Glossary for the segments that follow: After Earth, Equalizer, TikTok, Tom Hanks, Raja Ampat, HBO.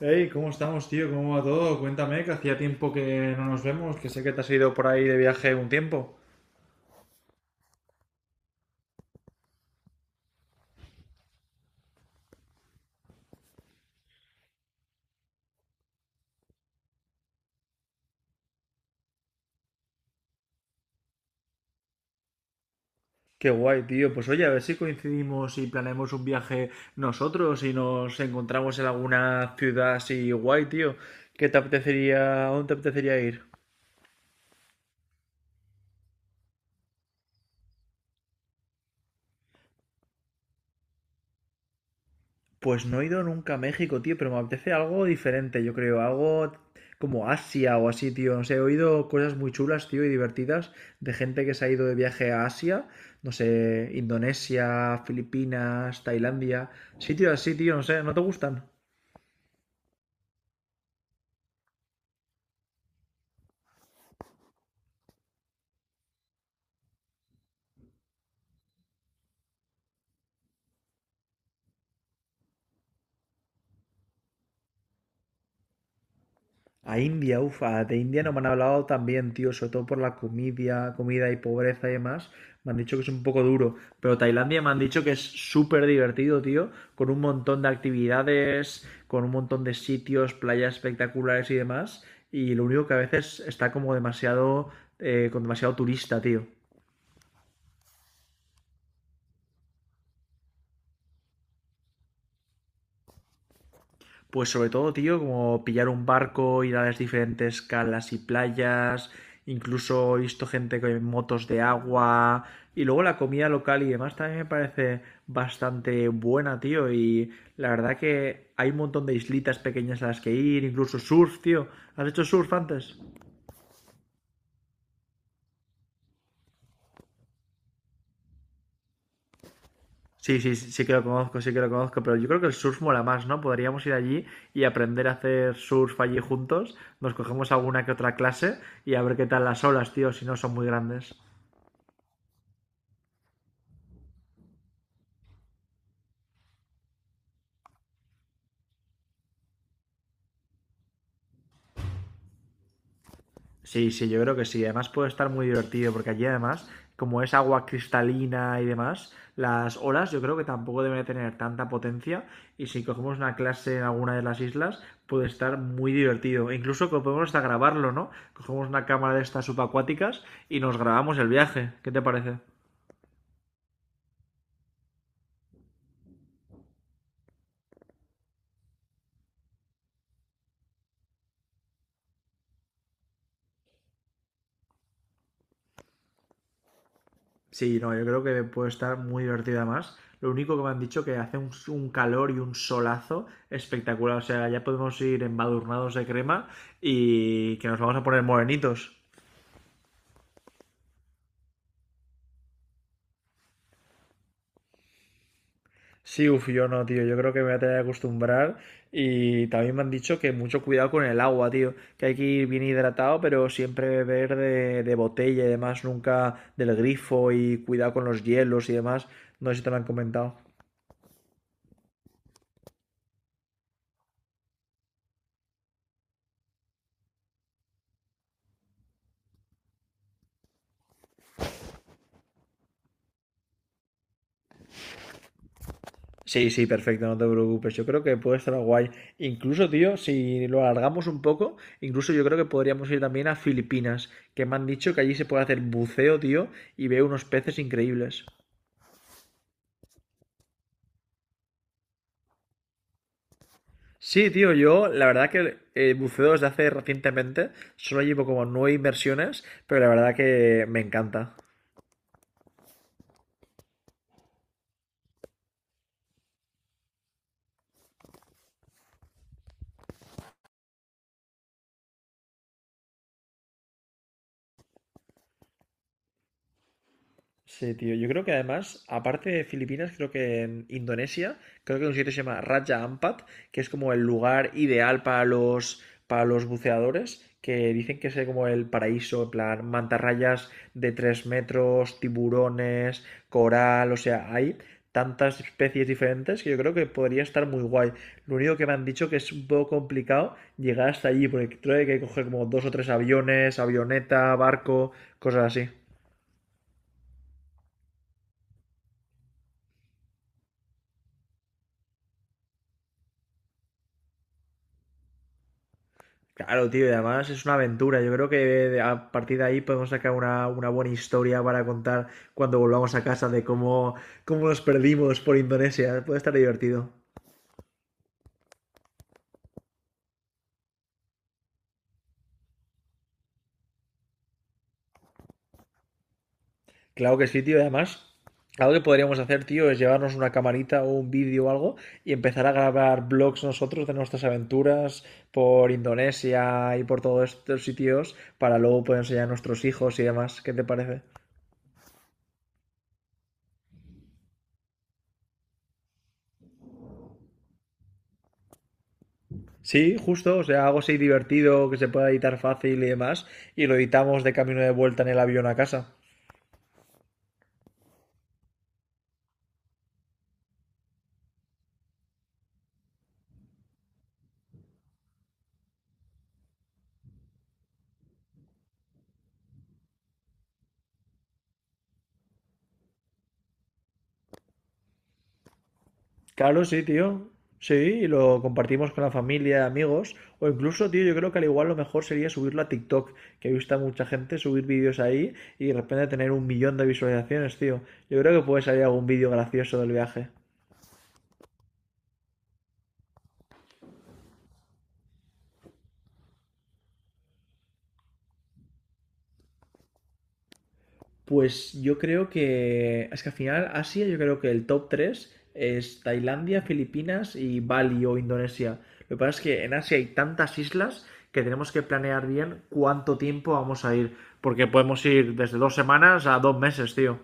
Hey, ¿cómo estamos, tío? ¿Cómo va todo? Cuéntame, que hacía tiempo que no nos vemos, que sé que te has ido por ahí de viaje un tiempo. Qué guay, tío. Pues oye, a ver si coincidimos y planeamos un viaje nosotros y nos encontramos en alguna ciudad así guay, tío. ¿Qué te apetecería, a dónde te apetecería ir? Pues no he ido nunca a México, tío, pero me apetece algo diferente, yo creo, algo como Asia o así, tío. No sé, he oído cosas muy chulas, tío, y divertidas de gente que se ha ido de viaje a Asia, no sé, Indonesia, Filipinas, Tailandia, sitios así, tío, no sé, ¿no te gustan? A India, ufa, de India no me han hablado tan bien, tío, sobre todo por la comida, comida y pobreza y demás. Me han dicho que es un poco duro, pero Tailandia me han dicho que es súper divertido, tío, con un montón de actividades, con un montón de sitios, playas espectaculares y demás. Y lo único que a veces está como demasiado, con demasiado turista, tío. Pues sobre todo, tío, como pillar un barco, ir a las diferentes calas y playas, incluso he visto gente con motos de agua y luego la comida local y demás también me parece bastante buena, tío, y la verdad que hay un montón de islitas pequeñas a las que ir, incluso surf, tío. ¿Has hecho surf antes? Sí, sí, sí, sí que lo conozco, sí que lo conozco, pero yo creo que el surf mola más, ¿no? Podríamos ir allí y aprender a hacer surf allí juntos, nos cogemos alguna que otra clase y a ver qué tal las olas, tío, si no son muy grandes. Sí, sí, yo creo que sí. Además puede estar muy divertido porque allí además, como es agua cristalina y demás, las olas yo creo que tampoco deben de tener tanta potencia y si cogemos una clase en alguna de las islas puede estar muy divertido. E incluso que podemos hasta grabarlo, ¿no? Cogemos una cámara de estas subacuáticas y nos grabamos el viaje. ¿Qué te parece? Sí, no, yo creo que puede estar muy divertida más. Lo único que me han dicho que hace un calor y un solazo espectacular. O sea, ya podemos ir embadurnados de crema y que nos vamos a poner morenitos. Sí, uf, yo no, tío. Yo creo que me voy a tener que acostumbrar. Y también me han dicho que mucho cuidado con el agua, tío. Que hay que ir bien hidratado, pero siempre beber de botella y demás, nunca del grifo y cuidado con los hielos y demás. No sé si te lo han comentado. Sí, sí, perfecto, no te preocupes. Yo creo que puede estar guay. Incluso, tío, si lo alargamos un poco, incluso yo creo que podríamos ir también a Filipinas, que me han dicho que allí se puede hacer buceo, tío, y veo unos peces increíbles. Sí, tío, yo la verdad que buceo desde hace recientemente, solo llevo como nueve inversiones, pero la verdad que me encanta. Sí, tío. Yo creo que además, aparte de Filipinas, creo que en Indonesia, creo que hay un sitio que se llama Raja Ampat, que es como el lugar ideal para los buceadores, que dicen que es como el paraíso, en plan, mantarrayas de 3 metros, tiburones, coral, o sea, hay tantas especies diferentes que yo creo que podría estar muy guay. Lo único que me han dicho que es un poco complicado llegar hasta allí, porque creo que hay que coger como dos o tres aviones, avioneta, barco, cosas así. Claro, tío, y además es una aventura. Yo creo que a partir de ahí podemos sacar una buena historia para contar cuando volvamos a casa de cómo, cómo nos perdimos por Indonesia. Puede estar divertido. Claro que sí, tío. Y además, algo que podríamos hacer, tío, es llevarnos una camarita o un vídeo o algo y empezar a grabar vlogs nosotros de nuestras aventuras por Indonesia y por todos estos sitios para luego poder enseñar a nuestros hijos y demás. ¿Qué te parece? Sí, justo, o sea, algo así divertido que se pueda editar fácil y demás, y lo editamos de camino de vuelta en el avión a casa. Claro, sí, tío. Sí, y lo compartimos con la familia, amigos, o incluso, tío, yo creo que al igual lo mejor sería subirlo a TikTok, que he visto a mucha gente subir vídeos ahí y de repente tener un millón de visualizaciones, tío. Yo creo que puede salir algún vídeo gracioso del viaje. Pues yo creo que. Es que al final, Asia, yo creo que el top 3 es Tailandia, Filipinas y Bali o Indonesia. Lo que pasa es que en Asia hay tantas islas que tenemos que planear bien cuánto tiempo vamos a ir. Porque podemos ir desde dos semanas a dos meses, tío.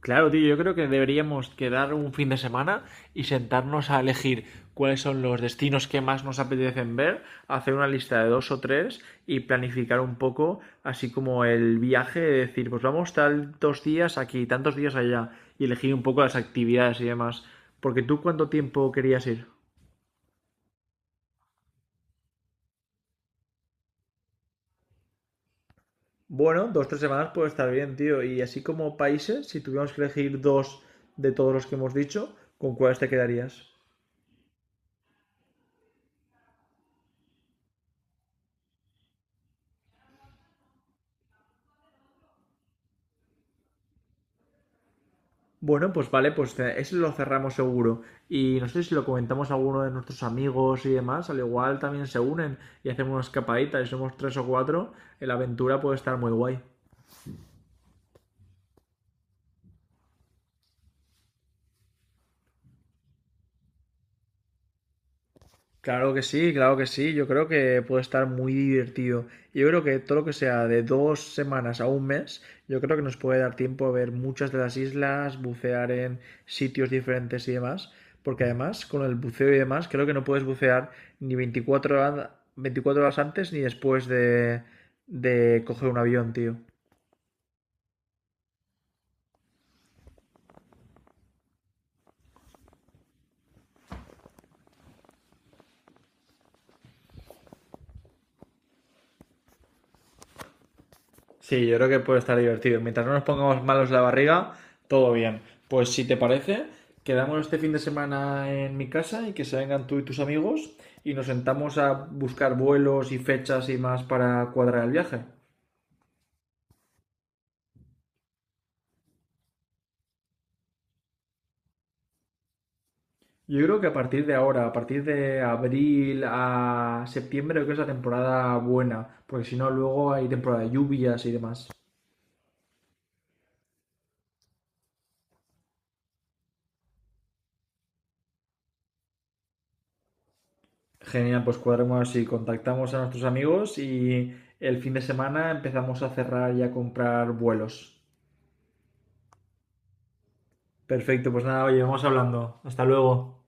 Claro, tío, yo creo que deberíamos quedar un fin de semana y sentarnos a elegir cuáles son los destinos que más nos apetecen ver, hacer una lista de dos o tres y planificar un poco, así como el viaje, de decir, pues vamos tantos días aquí, tantos días allá, y elegir un poco las actividades y demás. Porque tú, ¿cuánto tiempo querías ir? Bueno, dos, o tres semanas puede estar bien, tío. Y así como países, si tuviéramos que elegir dos de todos los que hemos dicho, ¿con cuáles te quedarías? Bueno, pues vale, pues eso lo cerramos seguro. Y no sé si lo comentamos a alguno de nuestros amigos y demás, al igual también se unen y hacemos una escapadita y somos tres o cuatro, la aventura puede estar muy guay. Claro que sí, claro que sí. Yo creo que puede estar muy divertido. Yo creo que todo lo que sea de dos semanas a un mes, yo creo que nos puede dar tiempo a ver muchas de las islas, bucear en sitios diferentes y demás. Porque además, con el buceo y demás, creo que no puedes bucear ni 24 horas, 24 horas antes ni después de coger un avión, tío. Sí, yo creo que puede estar divertido. Mientras no nos pongamos malos la barriga, todo bien. Pues si te parece, quedamos este fin de semana en mi casa y que se vengan tú y tus amigos y nos sentamos a buscar vuelos y fechas y más para cuadrar el viaje. Yo creo que a partir de ahora, a partir de abril a septiembre, creo que es la temporada buena, porque si no, luego hay temporada de lluvias y demás. Genial, pues cuadremos y contactamos a nuestros amigos y el fin de semana empezamos a cerrar y a comprar vuelos. Perfecto, pues nada, oye, vamos hablando. Hasta luego.